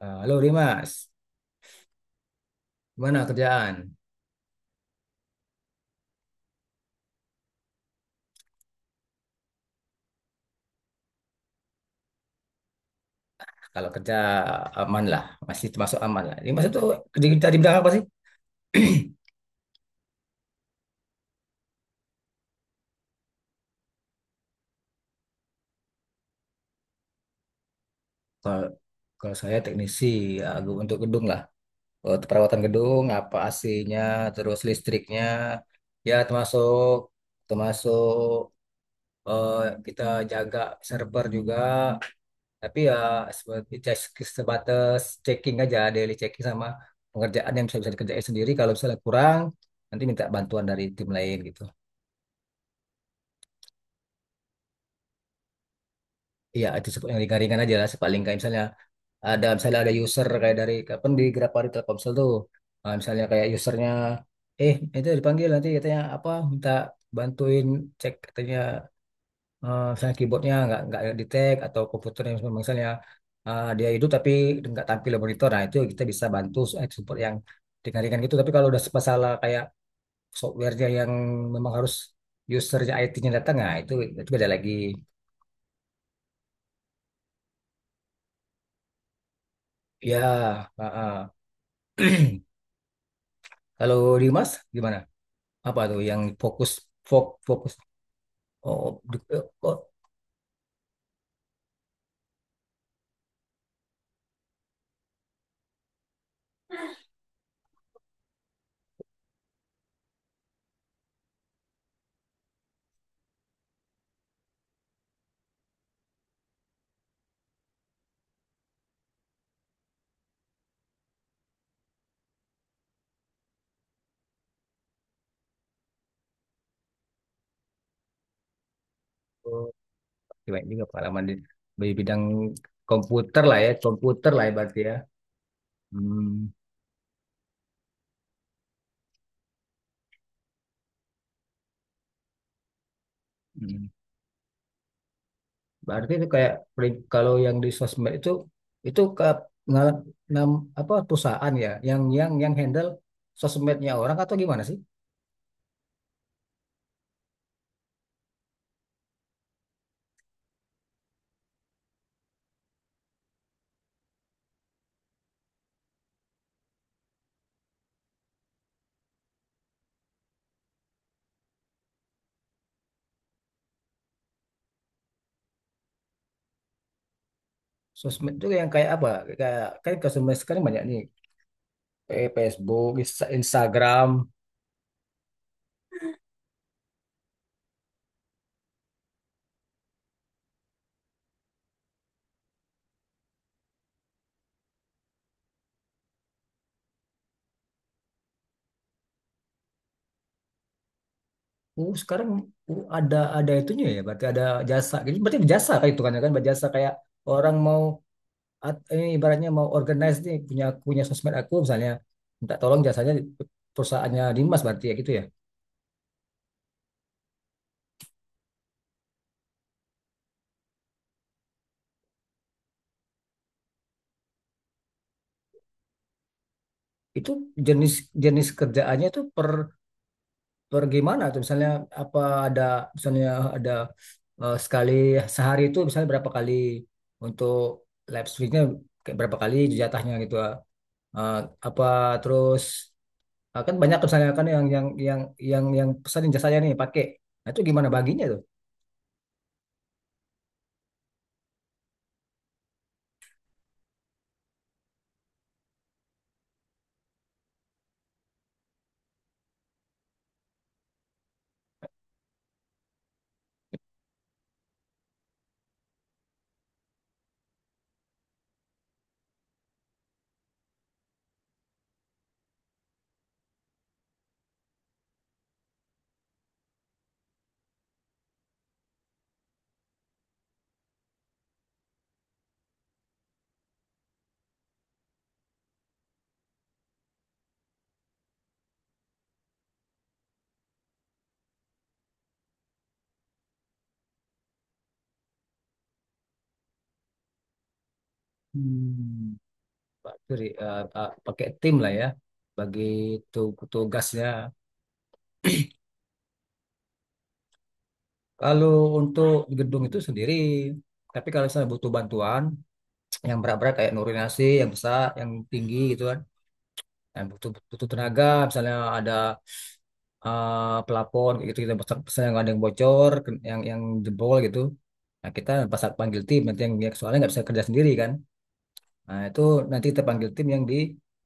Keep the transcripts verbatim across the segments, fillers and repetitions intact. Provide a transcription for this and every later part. Eh, Halo Dimas, gimana kerjaan? Kalau kerja aman lah, masih termasuk aman lah. Dimas itu kerja kita di bidang apa sih? Kalau kalau saya teknisi ya, gu- untuk gedung lah. Eh, perawatan gedung, apa A C-nya, terus listriknya, ya termasuk termasuk eh, kita jaga server juga. Tapi ya seperti cek- sebatas checking aja, daily checking sama pengerjaan yang bisa bisa dikerjain sendiri. Kalau misalnya kurang, nanti minta bantuan dari tim lain gitu. Iya, itu sep- yang ringan-ringan aja lah. Sepaling kayak misalnya ada misalnya ada user kayak dari kapan di Grapari Telkomsel tuh. Ah, misalnya kayak usernya, eh itu dipanggil nanti katanya apa minta bantuin cek katanya eh, misalnya keyboardnya nggak nggak di tag atau komputernya misalnya, misalnya ah, dia hidup tapi nggak tampil di monitor. Nah itu kita bisa bantu eh, support yang ringan-ringan gitu. Tapi kalau udah masalah kayak softwarenya yang memang harus usernya I T-nya datang, nah itu itu beda lagi. Ya. Kalau Dimas gimana? Apa tuh yang fokus fok, fokus oh, di- eh, oh, oh, gimana juga pengalaman di, di bidang komputer lah ya, komputer lah ya berarti ya. Hmm, hmm. Berarti itu kayak peri- kalau yang di sosmed itu itu ke ngal- nam, apa perusahaan ya yang yang yang handle sosmednya orang atau gimana sih? Sosmed itu yang kayak apa? Kayak kan ke sosmed sekarang banyak nih, eh, Facebook, Insta- Instagram. Oh, sekarang oh, ada ada itunya ya, berarti ada jasa. Jadi berarti jasa kayak itu kan ya kan berjasa kayak orang mau at- ini ibaratnya mau organize nih punya punya sosmed aku misalnya minta tolong jasanya di- perusahaannya Dimas berarti ya gitu ya. Itu jenis jenis kerjaannya itu per per gimana tuh misalnya apa ada misalnya ada eh, sekali sehari itu misalnya berapa kali untuk live streamnya kayak berapa kali jatahnya gitu. eh, apa terus, Ah, kan banyak tuh misalnya kan yang yang yang yang yang pesan jasanya nih pakai. Nah, itu gimana baginya tuh? Hmm. Pak, sorry, eh, eh, pakai tim lah ya bagi tu- tugasnya. Kalau untuk gedung itu sendiri, tapi kalau misalnya butuh bantuan yang berat-berat kayak nasi yang besar, yang tinggi gitu kan, yang butuh butuh tenaga, misalnya ada eh, pelapon gitu, kita pesan, pesan yang ada yang bocor, yang yang jebol gitu. Nah kita pas panggil tim nanti, yang yang soalnya nggak bisa kerja sendiri kan. Nah, itu nanti kita panggil tim yang di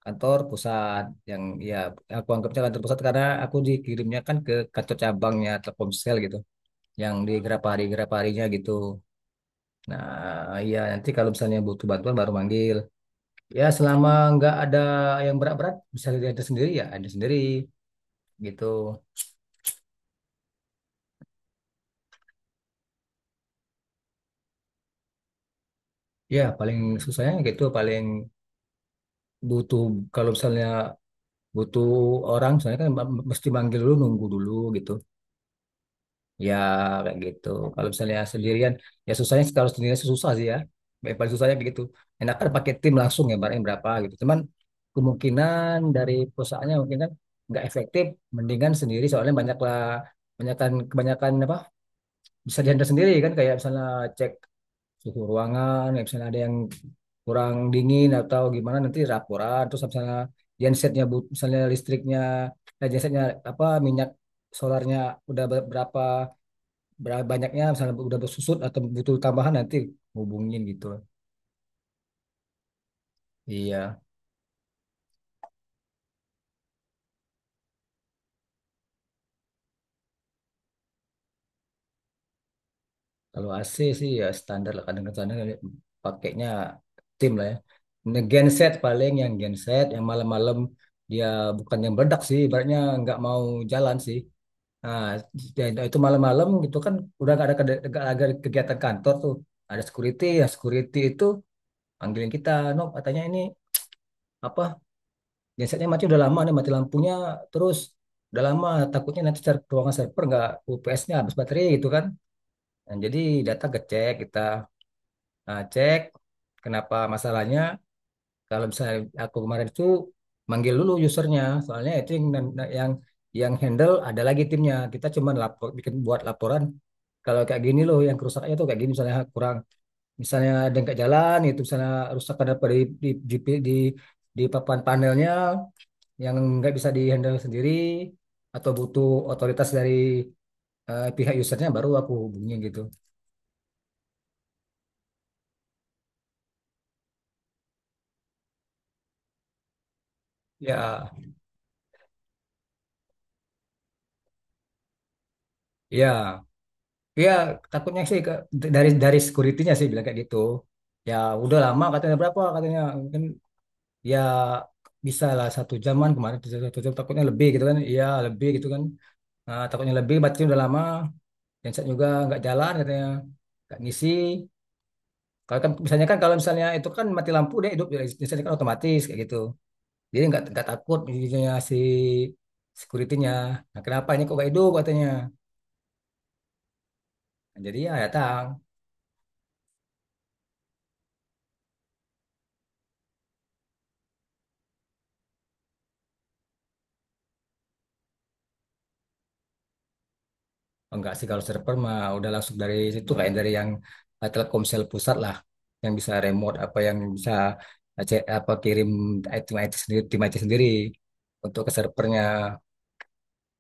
kantor pusat, yang, ya aku anggapnya kantor pusat, karena aku dikirimnya kan ke kantor cabangnya Telkomsel gitu, yang di Grapari Graparinya gitu. Nah, ya nanti kalau misalnya butuh bantuan baru manggil. Ya selama nggak ada yang berat-berat bisa ada sendiri, ya ada sendiri gitu. Ya paling susahnya gitu paling butuh, kalau misalnya butuh orang misalnya kan mesti manggil dulu nunggu dulu gitu. Ya kayak gitu. Kalau misalnya sendirian, ya susahnya sih kalau sendirian sih susah sih ya. Yang paling susahnya kayak gitu. Enakan pakai tim langsung ya barangnya berapa gitu. Cuman kemungkinan dari perusahaannya mungkin kan nggak efektif. Mendingan sendiri soalnya banyak lah kebanyakan kebanyakan apa bisa dihandle sendiri kan, kayak misalnya cek suhu ruangan, ya misalnya ada yang kurang dingin atau gimana nanti raporan. Terus misalnya gensetnya bu- misalnya listriknya, eh, gensetnya apa minyak solarnya udah ber- berapa berapa banyaknya, misalnya udah bersusut atau butuh tambahan nanti hubungin gitu. Iya, kalau A C sih ya standar lah kadang-kadang pakainya tim lah ya. Nah, genset paling yang genset yang malam-malam dia bukan yang berdak sih, ibaratnya nggak mau jalan sih. Nah, dia- itu malam-malam gitu kan udah nggak ada, kede- nggak ada kegiatan kantor tuh. Ada security, ya security itu panggilin kita, Nob, katanya ini apa gensetnya mati, udah lama nih mati lampunya, terus udah lama takutnya nanti ser- ruangan server nggak U P S-nya habis baterai gitu kan. Nah, jadi data ngecek kita. Nah, cek kenapa masalahnya. Kalau misalnya aku kemarin itu manggil dulu usernya, soalnya itu yang yang yang handle ada lagi timnya, kita cuman lapor bikin buat laporan kalau kayak gini loh yang kerusakannya tuh kayak gini, misalnya kurang, misalnya dengkak jalan itu misalnya rusak, ada apa di di, di, di di papan panelnya yang nggak bisa dihandle sendiri atau butuh otoritas dari eh, pihak usernya baru aku hubungin gitu. Ya, ya, ya, takutnya sih ke- dari dari security-nya sih bilang kayak gitu. Ya udah lama, katanya berapa, katanya mungkin ya bisa lah satu jaman, kemarin satu satu jam takutnya lebih gitu kan. Iya lebih gitu kan. Nah, takutnya lebih baterainya udah lama, genset juga nggak jalan katanya, nggak ngisi. Kalau kan misalnya kan kalau misalnya itu kan mati lampu deh, hidup, ya, misalnya kan otomatis kayak gitu. Jadi nggak nggak takut ininya si security-nya. Nah, kenapa ini kok gak hidup katanya. Nah, jadi ya datang. Oh, enggak sih. Kalau server mah udah langsung dari situ kayak dari yang eh, Telkomsel pusat lah, yang bisa remote apa yang bisa eh, cek apa kirim tim I T sendiri, tim I T sendiri untuk ke servernya.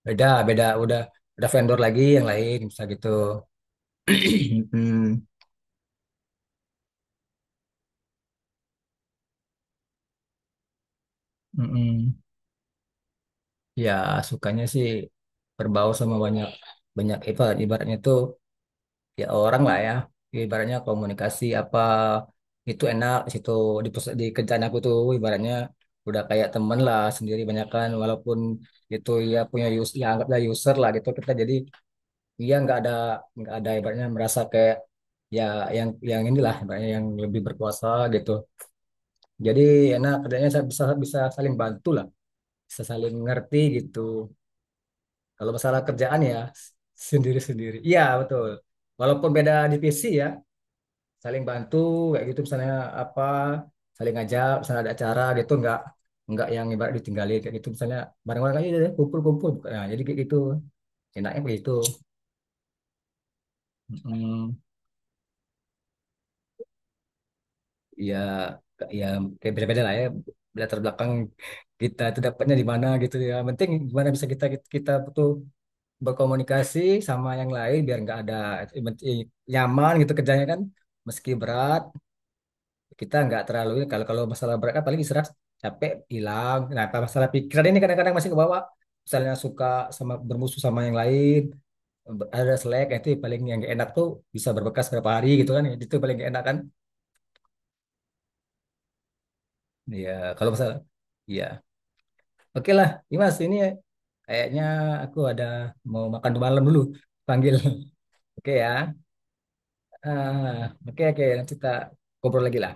Beda, beda udah udah vendor lagi yang lain bisa gitu. Hmm. Mm-mm. Ya sukanya sih berbau sama banyak banyak, ibarat ibaratnya itu ya orang lah ya, ibaratnya komunikasi apa itu enak di situ, di, pers- di kerjaan aku tuh ibaratnya udah kayak temen lah sendiri banyak kan, walaupun itu ya punya us ya anggaplah user lah gitu, kita jadi ya nggak ada nggak ada ibaratnya merasa kayak ya yang yang inilah ibaratnya yang lebih berkuasa gitu. Jadi enak kerjanya, sa- bisa bisa saling bantu lah, bisa saling ngerti gitu kalau masalah kerjaan ya. Sendiri sendiri iya betul, walaupun beda divisi ya saling bantu, kayak gitu misalnya apa saling ngajak, misalnya ada acara gitu nggak nggak yang ibarat ditinggalin, kayak gitu misalnya bareng-bareng aja deh kumpul-kumpul. Nah, jadi kayak gitu enaknya begitu. Mm, ya ya kayak beda-beda lah ya latar belakang kita itu dapatnya di mana gitu ya. Yang penting gimana bisa kita kita tuh berkomunikasi sama yang lain biar nggak ada eh, nyaman gitu kerjanya kan, meski berat kita nggak terlalu ini. Kalau kalau masalah berat kan paling istirahat capek hilang, nah apa masalah pikiran ini kadang-kadang masih kebawa, misalnya suka sama bermusuh sama yang lain, ber- ada selek, nah itu paling yang nggak enak tuh, bisa berbekas berapa hari gitu kan, itu paling gak enak kan. Ya kalau masalah, iya oke lah Dimas, ini kayaknya aku ada mau makan malam dulu panggil. Oke ya. Ah, oke oke, nanti kita ngobrol lagi lah.